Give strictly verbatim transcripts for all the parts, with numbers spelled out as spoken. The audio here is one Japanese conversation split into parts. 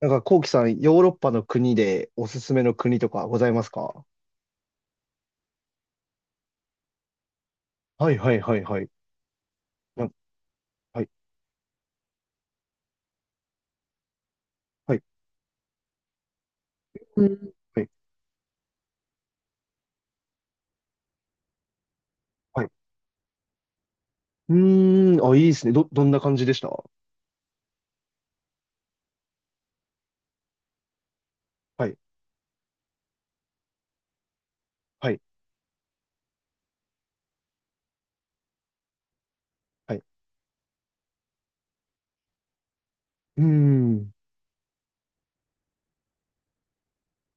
なんか、こうきさん、ヨーロッパの国でおすすめの国とかございますか？はいはいはいはい。なんはい、はい、うんはい、はい。うーん、あ、いいですね。ど、どんな感じでした？はい、はい、はい。うーん、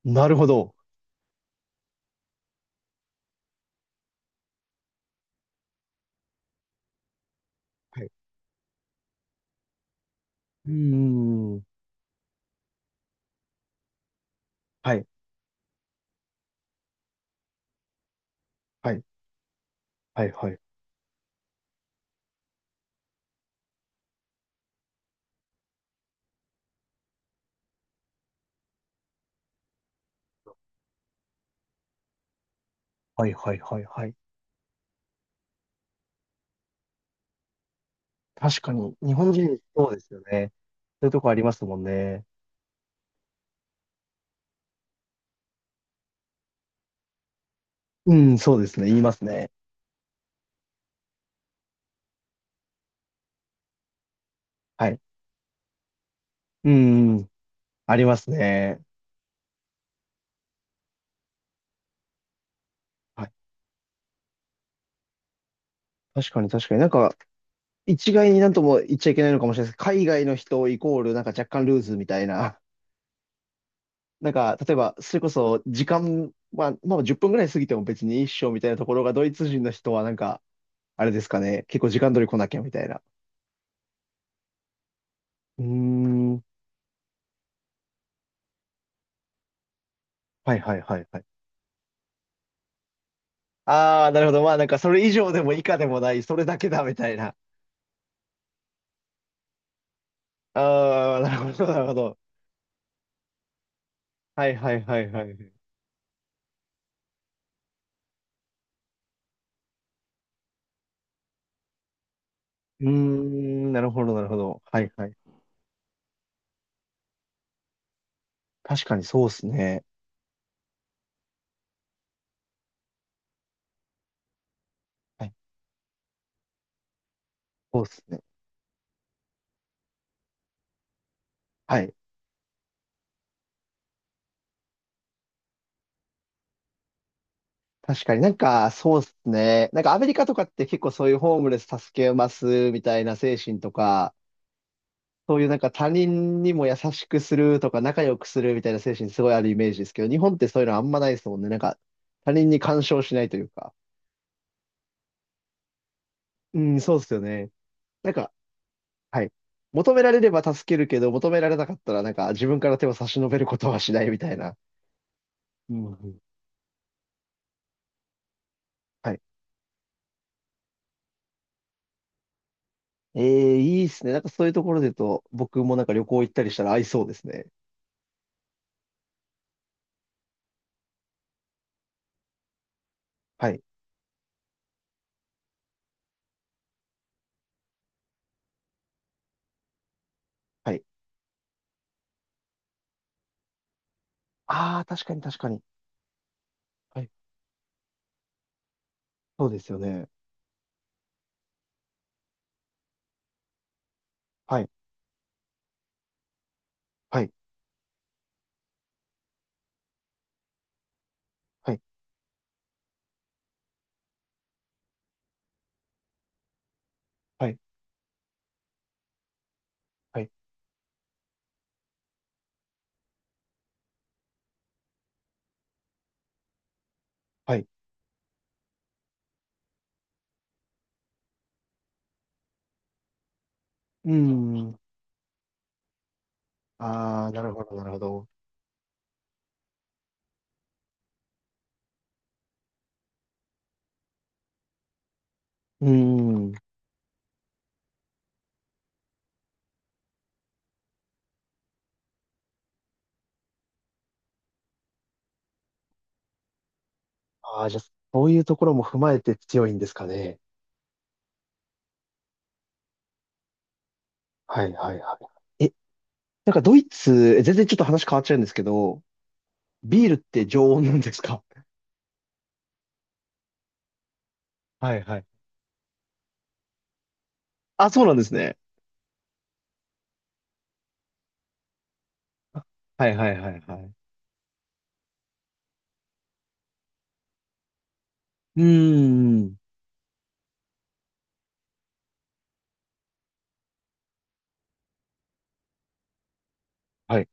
なるほど。はい。うーん、はい、はい、はい、はい、はい、はい、はい。はい。確かに、日本人、そうですよね。そういうとこありますもんね。うん、そうですね。言いますね。はい。うん、ありますね。はい。確かに確かに。なんか、一概になんとも言っちゃいけないのかもしれないですけど、海外の人イコールなんか若干ルーズみたいな、なんか例えばそれこそ時間、まあ、まあじゅっぷんぐらい過ぎても別に一緒みたいなところがドイツ人の人はなんか、あれですかね、結構時間通り来なきゃみたいな。うーん。はいはいはいはい。ああ、なるほど。まあなんかそれ以上でも以下でもない、それだけだみたいな。ああ、なるほどなるほど。はいはいはいはい。うーん、なるほどなるほど。はいはい。確かにそうっすね。はい、そうっすね。はい。確かになんか、そうですね。なんかアメリカとかって結構そういうホームレス助けますみたいな精神とか、そういうなんか他人にも優しくするとか仲良くするみたいな精神すごいあるイメージですけど、日本ってそういうのあんまないですもんね。なんか他人に干渉しないというか。うん、そうですよね。なんか、はい。求められれば助けるけど、求められなかったらなんか自分から手を差し伸べることはしないみたいな。うんうんはい。ええ、いいですね。なんかそういうところで言うと、僕もなんか旅行行ったりしたら合いそうですね。はい。はい。ああ、確かに確かに。はい。そうですよね。はい。はい。はい。はい。はい。はい。うーん。ああ、なるほど、なるほど。うーん。ああ、じゃあ、そういうところも踏まえて強いんですかね。はい、はい、はい。え、なんかドイツ、え全然ちょっと話変わっちゃうんですけど、ビールって常温なんですか？はいはい。あ、そうなんですね。あ、はいはいはいはい。うーん。はい。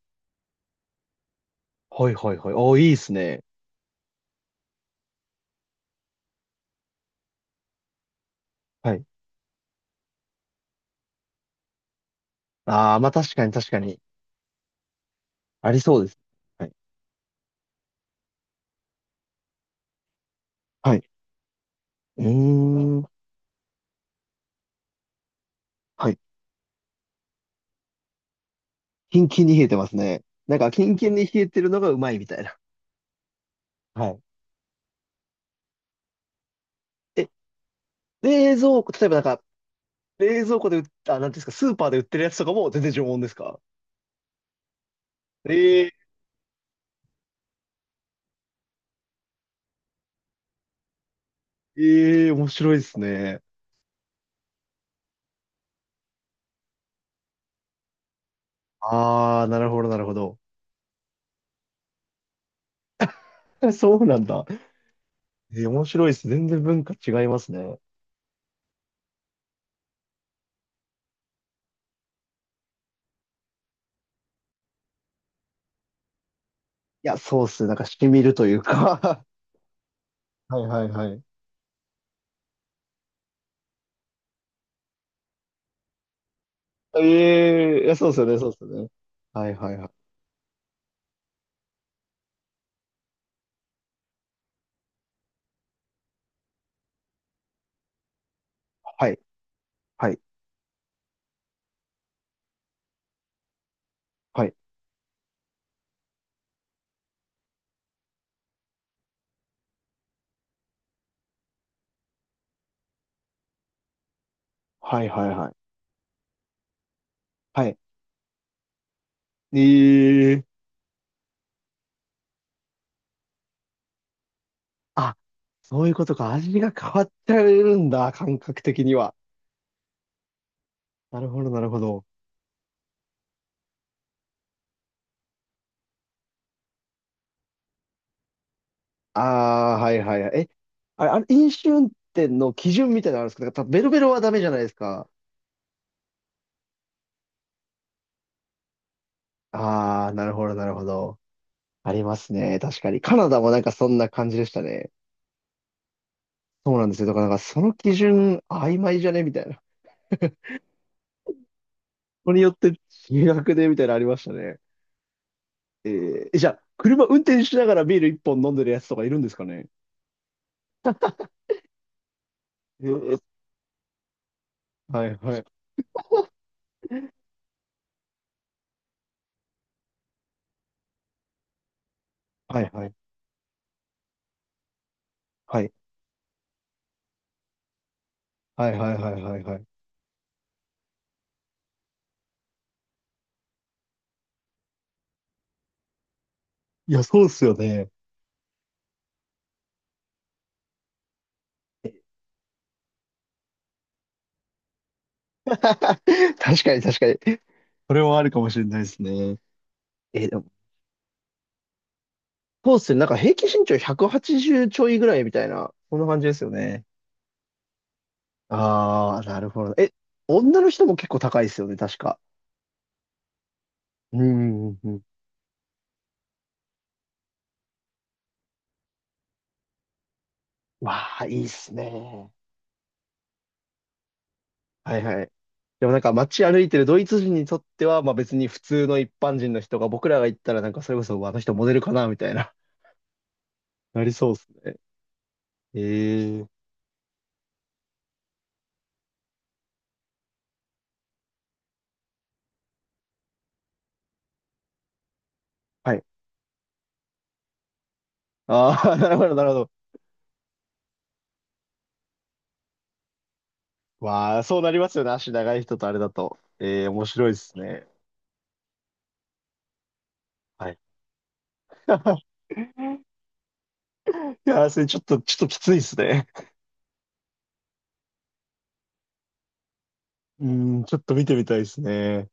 はいはいはい。おー、いいですね。はい。ああ、まあ確かに確かに。ありそうです。はい。はい。うーん。はい。キンキンに冷えてますね。なんか、キンキンに冷えてるのがうまいみたいな。はい。え、冷蔵庫、例えばなんか、冷蔵庫で売った、あ、なんていうんですか、スーパーで売ってるやつとかも全然常温ですか？えー、えー、面白いですね。あー、なるほど、なるほど。そうなんだ。えー、面白いです。全然文化違いますね。いや、そうっすね。なんか、染みるというか はいはいはい。ええ、いや、そうですよね、そうですよね。はいはいはい。はい、はい、はい、はい、はい、はい。はい。えあ、そういうことか。味が変わっちゃうんだ。感覚的には。なるほど、なるほど。ああ、はいはいはい。え、あれ、あれ、飲酒運転の基準みたいなのあるんですか？なんかベロベロはダメじゃないですか。ああ、なるほど、なるほど。ありますね。確かに。カナダもなんかそんな感じでしたね。そうなんですよ。だからなんかその基準曖昧じゃねみたいな。これによって違額でみたいなのありましたね。えー、じゃあ、車運転しながらビール一本飲んでるやつとかいるんですかね？えー、はいはい。はいはい。はい。はいはいはいはいはい。いや、そうっすよね。確かに確かに。それはあるかもしれないですね。えー、でも、そうっすよね。なんか平均身長ひゃくはちじゅうちじゅうちょいぐらいみたいな、そんな感じですよね。ああ、なるほど。え、女の人も結構高いですよね、確か。うんうんうん。わあ、いいっすね。はいはい。でもなんか街歩いてるドイツ人にとっては、まあ別に普通の一般人の人が僕らが行ったらなんかそれこそあの人モデルかなみたいな、なりそうですね。ええ、はい。ああ、なるほど、なるほど。わあ、そうなりますよね。足長い人とあれだと。ええ、面白いですね。はい。いやー、それちょっと、ちょっときついですね。うん、ちょっと見てみたいですね。